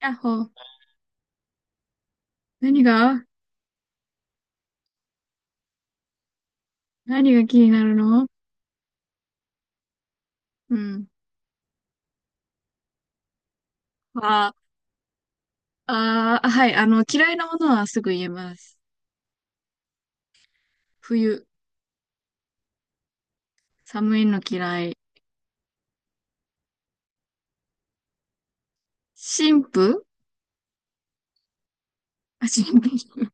あ、ほう。何が。何が気になるの？うん。ああ、はい。嫌いなものはすぐ言えます。冬、寒いの嫌い。神父。あ、神父。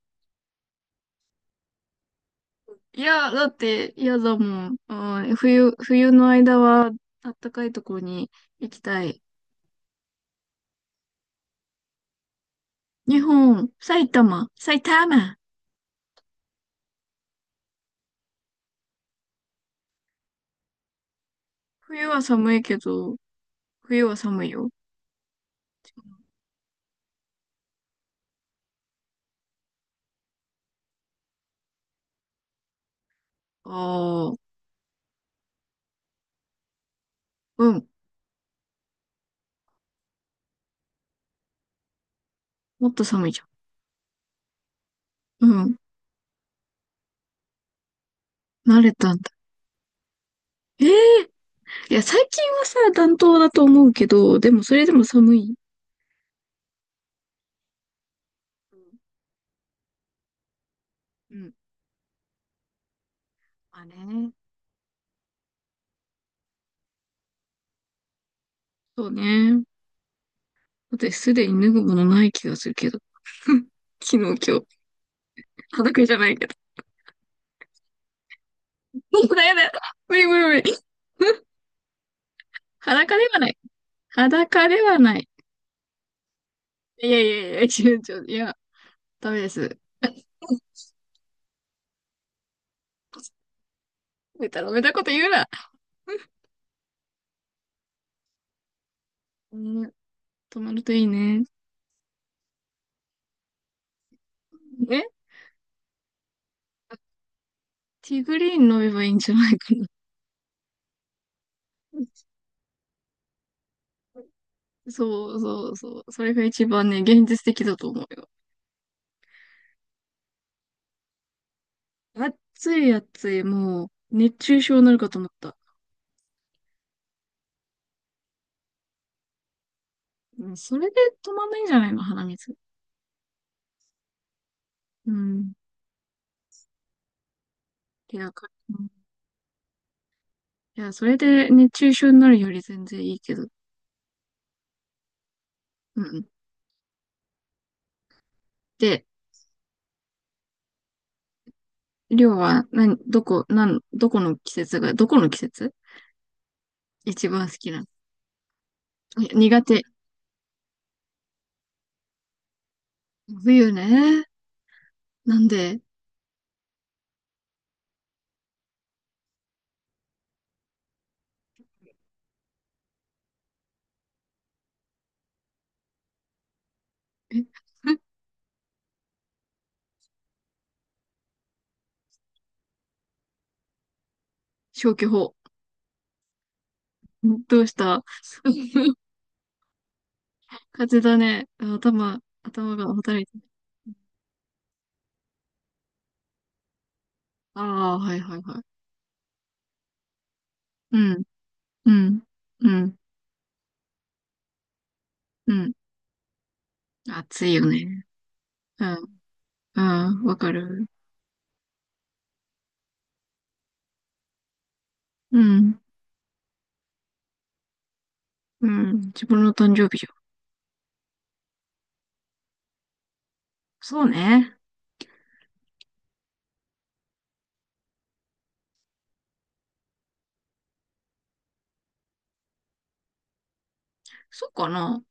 いや、だって嫌だもん。うん、冬の間は、あったかいとこに行きたい。日本、埼玉、埼玉。冬は寒いけど、冬は寒いよ。ああ、うん。もっと寒いじゃん。うん。慣れたんだ。ええいや、最近はさ、暖冬だと思うけど、でもそれでも寒い。うん。まあね。そうね。だってすでに脱ぐものない気がするけど。昨日、今日。裸じゃないけど。もうだやだ。無理無理無理。裸ではない。裸ではない。いやいやいや、ちょ、ちょ、いや、ダメです。ベタベタこと言うな。うん、止まるといいね。えティーグリーン飲めばいいんじゃないかな。そうそうそう。それが一番ね、現実的だと思うよ。暑い暑い、もう、熱中症になるかと思った。うん、それで止まんないんじゃないの、鼻水。うん。いや、うん。いや、それで熱中症になるより全然いいけど。うん。で、りょうは、などこ、なん、どこの季節一番好きなの？いや苦手。冬ね。なんで、え、消去法。どうした？風邪だね。あ、頭が働いてる。ああ、はいはいはい。うん、うん、うん、うん。暑いよね。うん。うん。わかる。うん。うん。自分の誕生日じゃん。そうね。そうかな。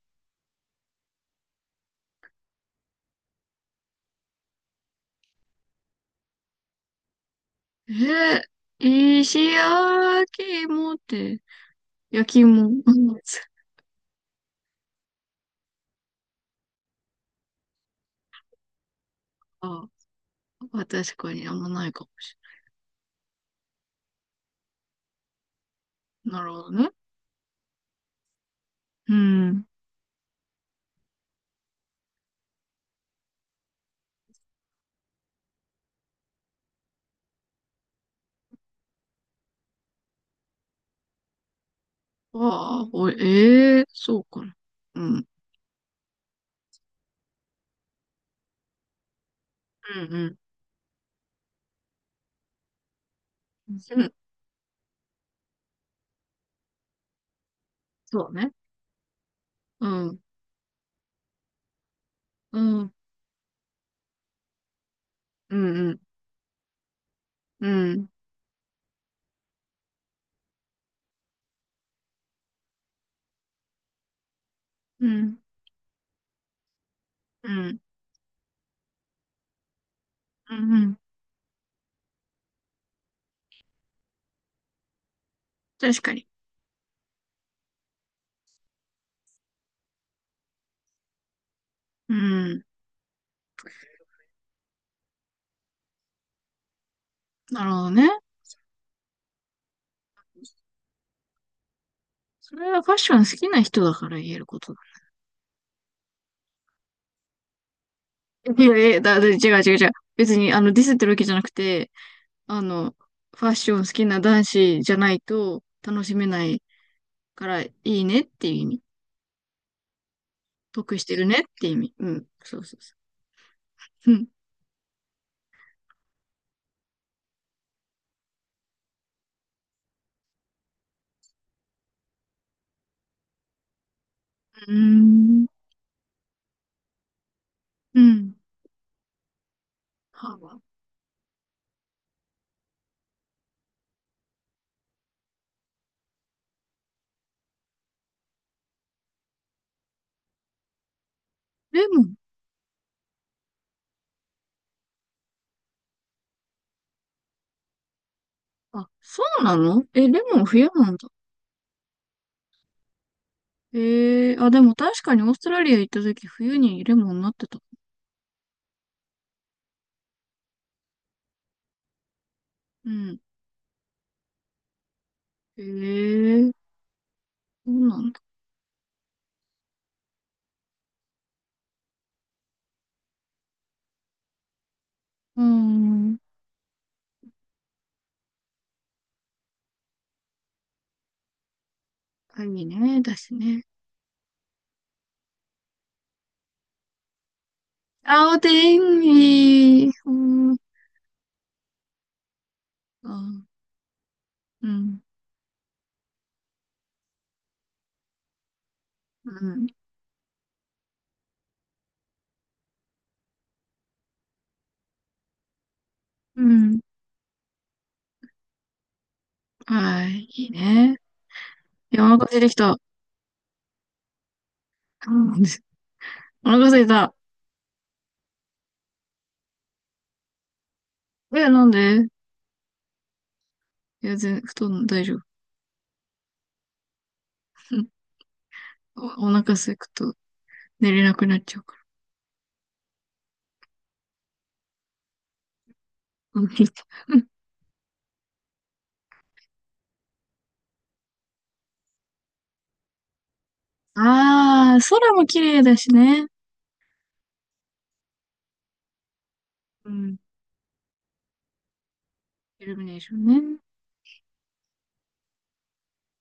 え石焼き芋って、焼き芋。うん。あ、確かにあんまないかもしれない。なるほどね。うん。ああ、お、ええー、そうかな。うん。うん、うん。うん。そうね。うん。うん。うん、うん。うん。うん。うん。うん。確かに。うん。なるほどね。それはファッション好きな人だから言えることだ。いやいや、違う違う違う。別に、ディスってるわけじゃなくて、あの、ファッション好きな男子じゃないと楽しめないからいいねっていう意味。得してるねって意味。うん。そうそうそう。うん。うーん。うん。ハーバー。レモン。あ、そうなの？え、レモン冬なんだ。ええ、あ、でも確かにオーストラリア行った時冬にレモンなってた。うん。ええ、そうなんだ。うーん。神ね、だしね。青天に。うん、あ、うん、うん、うん。はい、いいね。いや、お腹空いてきた。うん。お腹空いた。え、なんで？いや、布団大丈夫。うん。お腹空くと寝れなくなっちゃうから。うん。ああ、空も綺麗だしね。うん。イルミネーションね。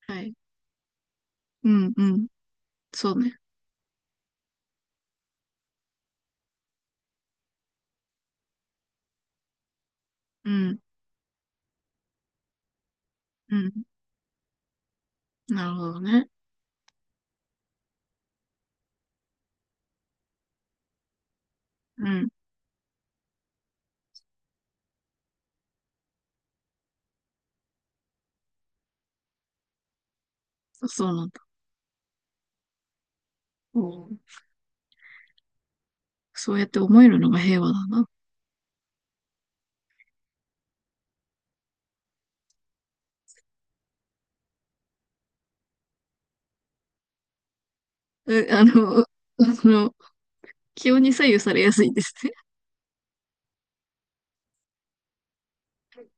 はい。うん、うん。そうね。うん、うん。なるほどね。うん。そうなんだ。おー、そうやって思えるのが平和だな。うあの、その、気温に左右されやすいんですね。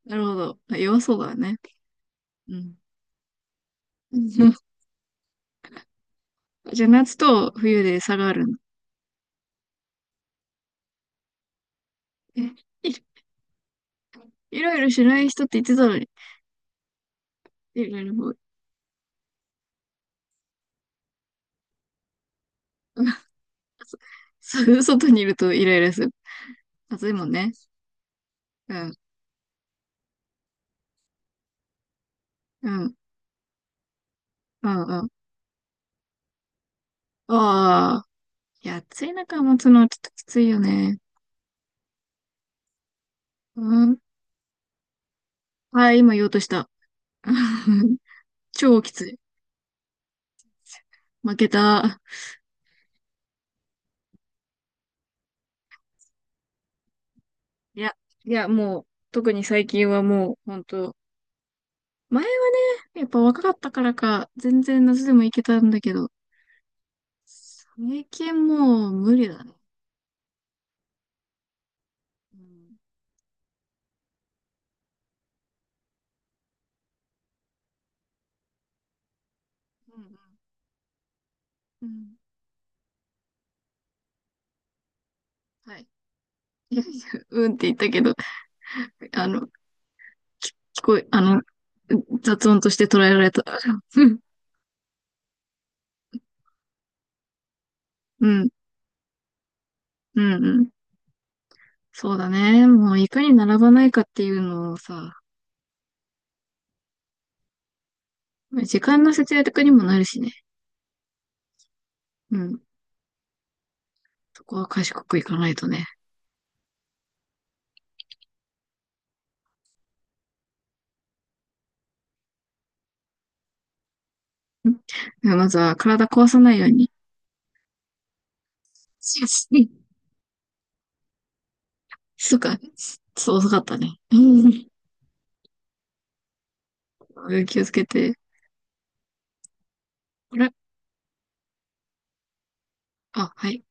なるほど。あ、弱そうだね。うん。じゃあ、夏と冬で差があるんだ。え、いいろライラしない人って言ってたのに。いろいろもう、外にいるとイライラする。暑いもんね。うん、うん、うん、うん。ああ、いや、暑い中持つのはちょっときついよね。うん。はい、今言おうとした。超きつい。負けた。いや、いや、もう、特に最近はもう、ほんと、前はね、やっぱ若かったからか、全然夏でも行けたんだけど、最近もう無理だね。うん。うん。うん。はい。いやいや、うんって言ったけど、あの、き聞こえ、雑音として捉えられた。うん。うん。うん。うん。そうだね。もう、いかに並ばないかっていうのをさ、時間の節約にもなるしね。うん。そこは賢くいかないとね。んではまずは体壊さないように。そうか。そう、遅かったね。うん。気をつけて。あれ？あ、はい。